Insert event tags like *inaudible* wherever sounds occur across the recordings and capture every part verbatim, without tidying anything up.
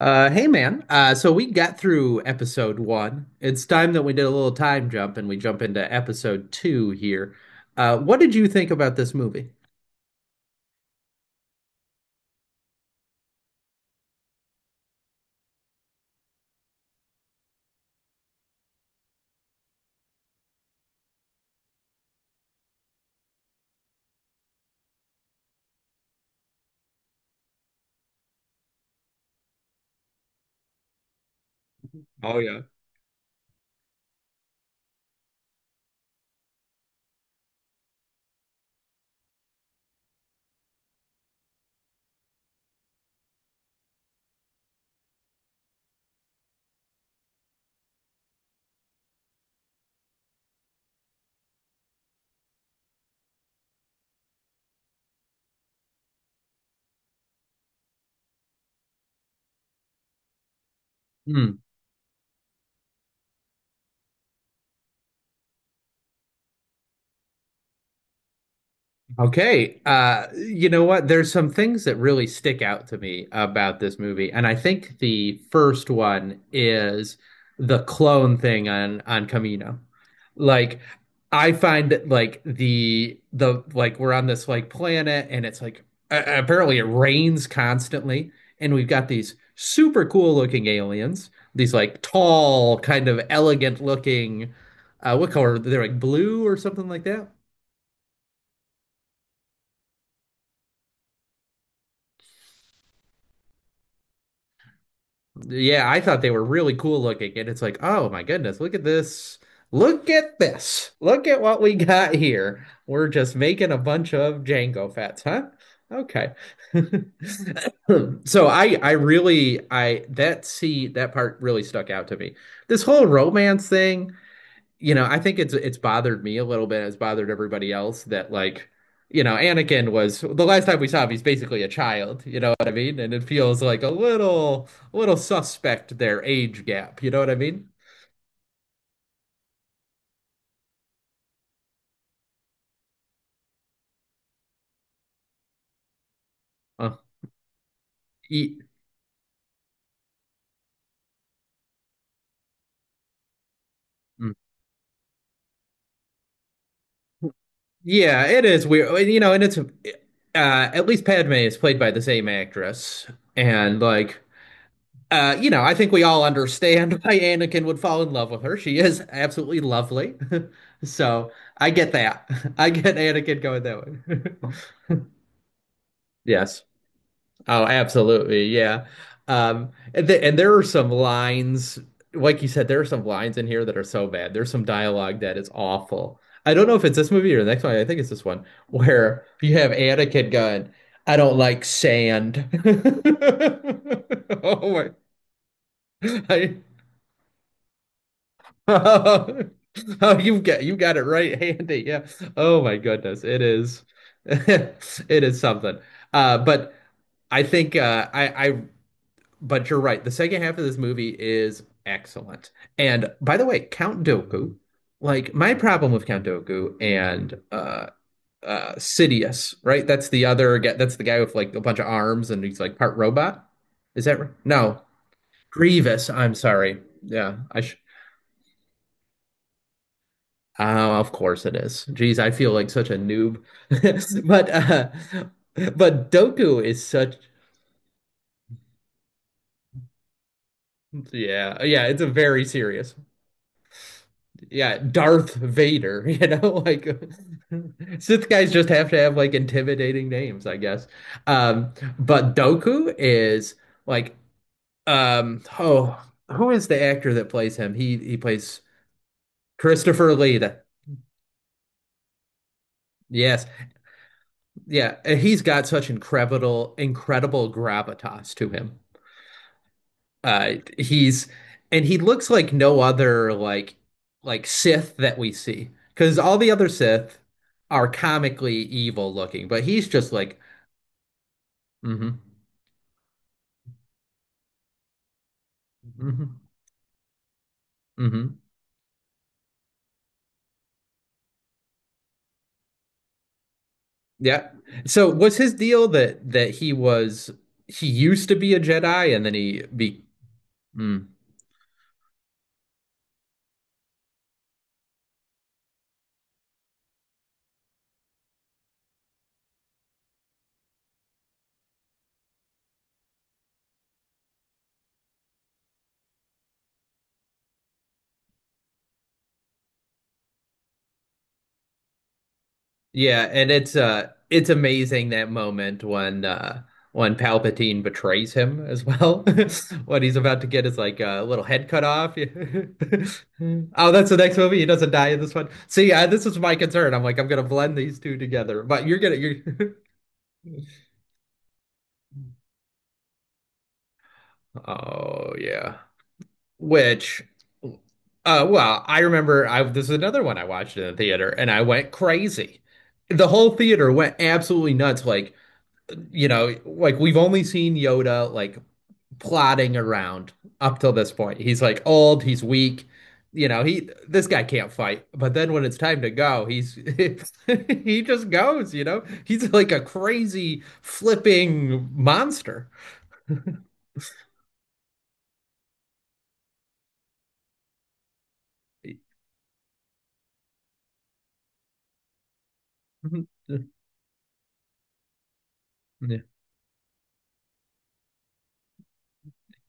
Uh, hey man. Uh, so we got through episode one. It's time that we did a little time jump and we jump into episode two here. Uh, what did you think about this movie? Oh yeah. Okay. Uh, you know what? There's some things that really stick out to me about this movie, and I think the first one is the clone thing on on Camino. Like, I find that like the the like we're on this like planet, and it's like uh, apparently it rains constantly, and we've got these super cool looking aliens, these like tall, kind of elegant looking. Uh, what color? They're like blue or something like that. Yeah, I thought they were really cool looking, and it's like, oh my goodness, look at this. Look at this. Look at what we got here. We're just making a bunch of Django fats, huh? Okay. *laughs* So I I really I that see that part really stuck out to me. This whole romance thing, you know, I think it's it's bothered me a little bit. It's bothered everybody else that like, you know, Anakin was the last time we saw him, he's basically a child, you know what I mean? And it feels like a little a little suspect their age gap, you know what I mean? Uh, e- mm. Yeah, it is weird. You know, and it's uh at least Padme is played by the same actress and like uh, you know, I think we all understand *laughs* why Anakin would fall in love with her. She is absolutely lovely. *laughs* So I get that. *laughs* I get Anakin going that way. *laughs* Yes. Oh, absolutely. Yeah. Um, and, th and there are some lines, like you said, there are some lines in here that are so bad. There's some dialogue that is awful. I don't know if it's this movie or the next one. I think it's this one *laughs* where you have Anakin going, I don't like sand. *laughs* Oh my. I *laughs* Oh, you've got you got it right handy. Yeah. Oh my goodness. It is *laughs* it is something. Uh but I think uh I I but you're right. The second half of this movie is excellent. And by the way, Count Dooku, like my problem with Count Dooku and uh uh Sidious, right? That's the other guy, that's the guy with like a bunch of arms and he's like part robot. Is that right? No. Grievous, I'm sorry. Yeah, I should Oh, of course it is. Geez, I feel like such a noob. *laughs* But uh but Doku is such yeah, yeah, it's a very serious. Yeah, Darth Vader, *laughs* you know, like *laughs* Sith guys just have to have like intimidating names, I guess. Um but Doku is like um oh, who is the actor that plays him? He he plays Christopher Lee. Yes. Yeah, and he's got such incredible incredible gravitas to him. Uh, he's and he looks like no other like like Sith that we see because all the other Sith are comically evil looking, but he's just like, mm-hmm, mm-hmm, mm-hmm, yeah. So was his deal that that he was he used to be a Jedi and then he be mm. Yeah, and it's uh it's amazing that moment when uh when Palpatine betrays him as well. *laughs* What he's about to get is like a little head cut off. *laughs* Oh, that's the next movie. He doesn't die in this one. See, I, this is my concern. I'm like, I'm gonna blend these two together. But you're gonna you're *laughs* Oh yeah. Which uh well, I remember I this is another one I watched in the theater and I went crazy. The whole theater went absolutely nuts. Like you know, like we've only seen Yoda like plodding around up till this point. He's like old, he's weak, you know, he this guy can't fight. But then when it's time to go, he's *laughs* he just goes, you know. He's like a crazy flipping monster. *laughs* Yeah.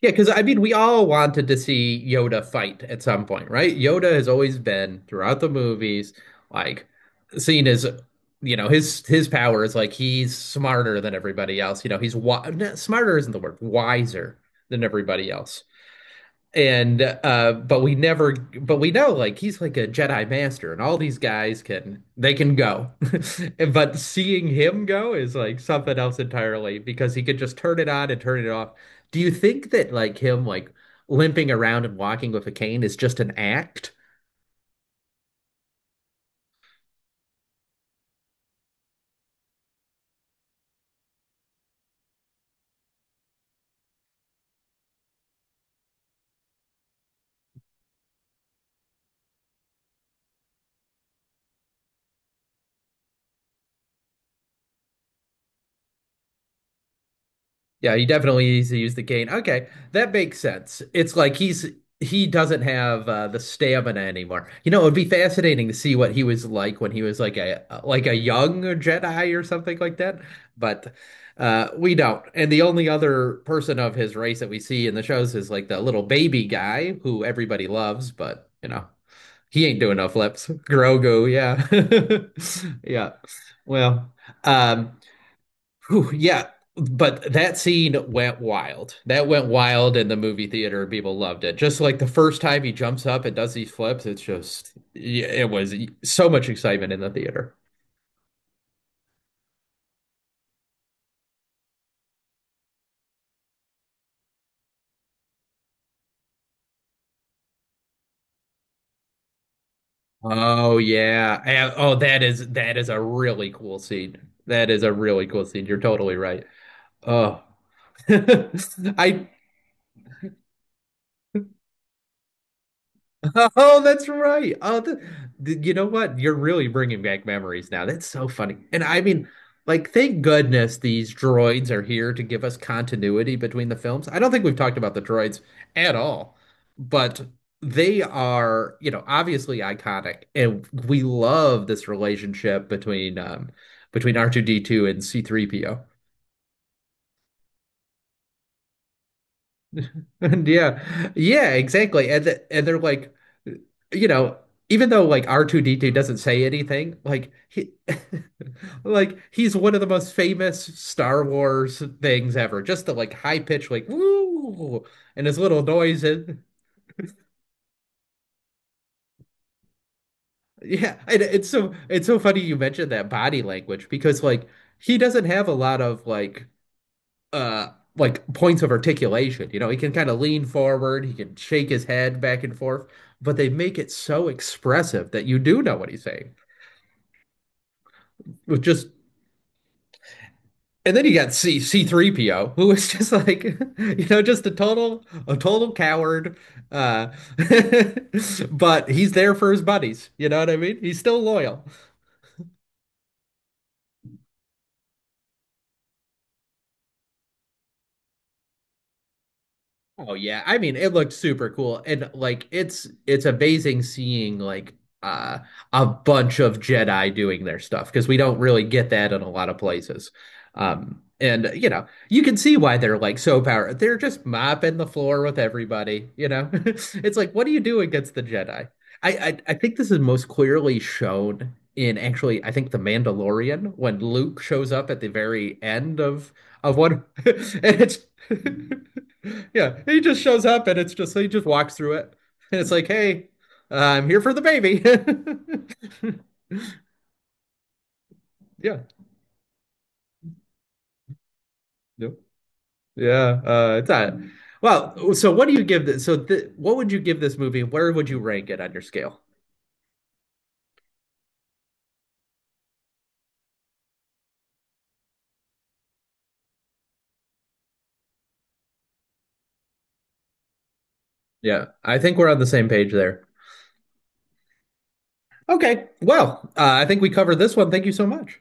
Yeah, because I mean, we all wanted to see Yoda fight at some point, right? Yoda has always been throughout the movies, like seen as, you know, his his power is like he's smarter than everybody else. You know, he's wi no, smarter isn't the word, wiser than everybody else and uh but we never but we know like he's like a Jedi master and all these guys can they can go *laughs* but seeing him go is like something else entirely because he could just turn it on and turn it off do you think that like him like limping around and walking with a cane is just an act. Yeah, he definitely needs to use the cane. Okay, that makes sense. It's like he's he doesn't have uh, the stamina anymore. You know, it would be fascinating to see what he was like when he was like a like a young Jedi or something like that. But uh, we don't. And the only other person of his race that we see in the shows is like the little baby guy who everybody loves, but you know, he ain't doing no flips. Grogu, yeah, *laughs* yeah. Well. Um, Whew, yeah, but that scene went wild. That went wild in the movie theater. People loved it. Just like the first time he jumps up and does these flips, it's just, yeah, it was so much excitement in the theater. Oh yeah. And- Oh, that is that is a really cool scene. That is a really cool scene. You're totally right. Oh. *laughs* I oh, that's right. Oh, th th- you know what? You're really bringing back memories now. That's so funny. And I mean, like, thank goodness these droids are here to give us continuity between the films. I don't think we've talked about the droids at all, but they are, you know, obviously iconic, and we love this relationship between um between R two D two and C3PO. *laughs* And yeah. Yeah, exactly. And th and they're like, you know, even though like R two D two doesn't say anything, like he *laughs* like he's one of the most famous Star Wars things ever. Just the like high pitch like woo and his little noise and *laughs* yeah, and it's so it's so funny you mentioned that body language because like he doesn't have a lot of like uh like points of articulation. You know, he can kind of lean forward, he can shake his head back and forth, but they make it so expressive that you do know what he's saying. With just and then you got C C3PO, who is just like, *laughs* you know, just a total a total coward. Uh *laughs* but he's there for his buddies, you know what I mean? He's still loyal. Oh yeah, I mean it looked super cool and like it's it's amazing seeing like uh a bunch of Jedi doing their stuff because we don't really get that in a lot of places. Um and you know, you can see why they're like so powerful. They're just mopping the floor with everybody, you know. *laughs* It's like what do you do against the Jedi? I, I I think this is most clearly shown in actually I think The Mandalorian when Luke shows up at the very end of of one *laughs* and it's *laughs* yeah, he just shows up and it's just he just walks through it and it's like, hey, uh, I'm here for the baby. *laughs* Yeah, yep, yeah. Uh, it's not. Well, so what do you give this? So th what would you give this movie? Where would you rank it on your scale? Yeah, I think we're on the same page there. Okay, well, uh, I think we covered this one. Thank you so much.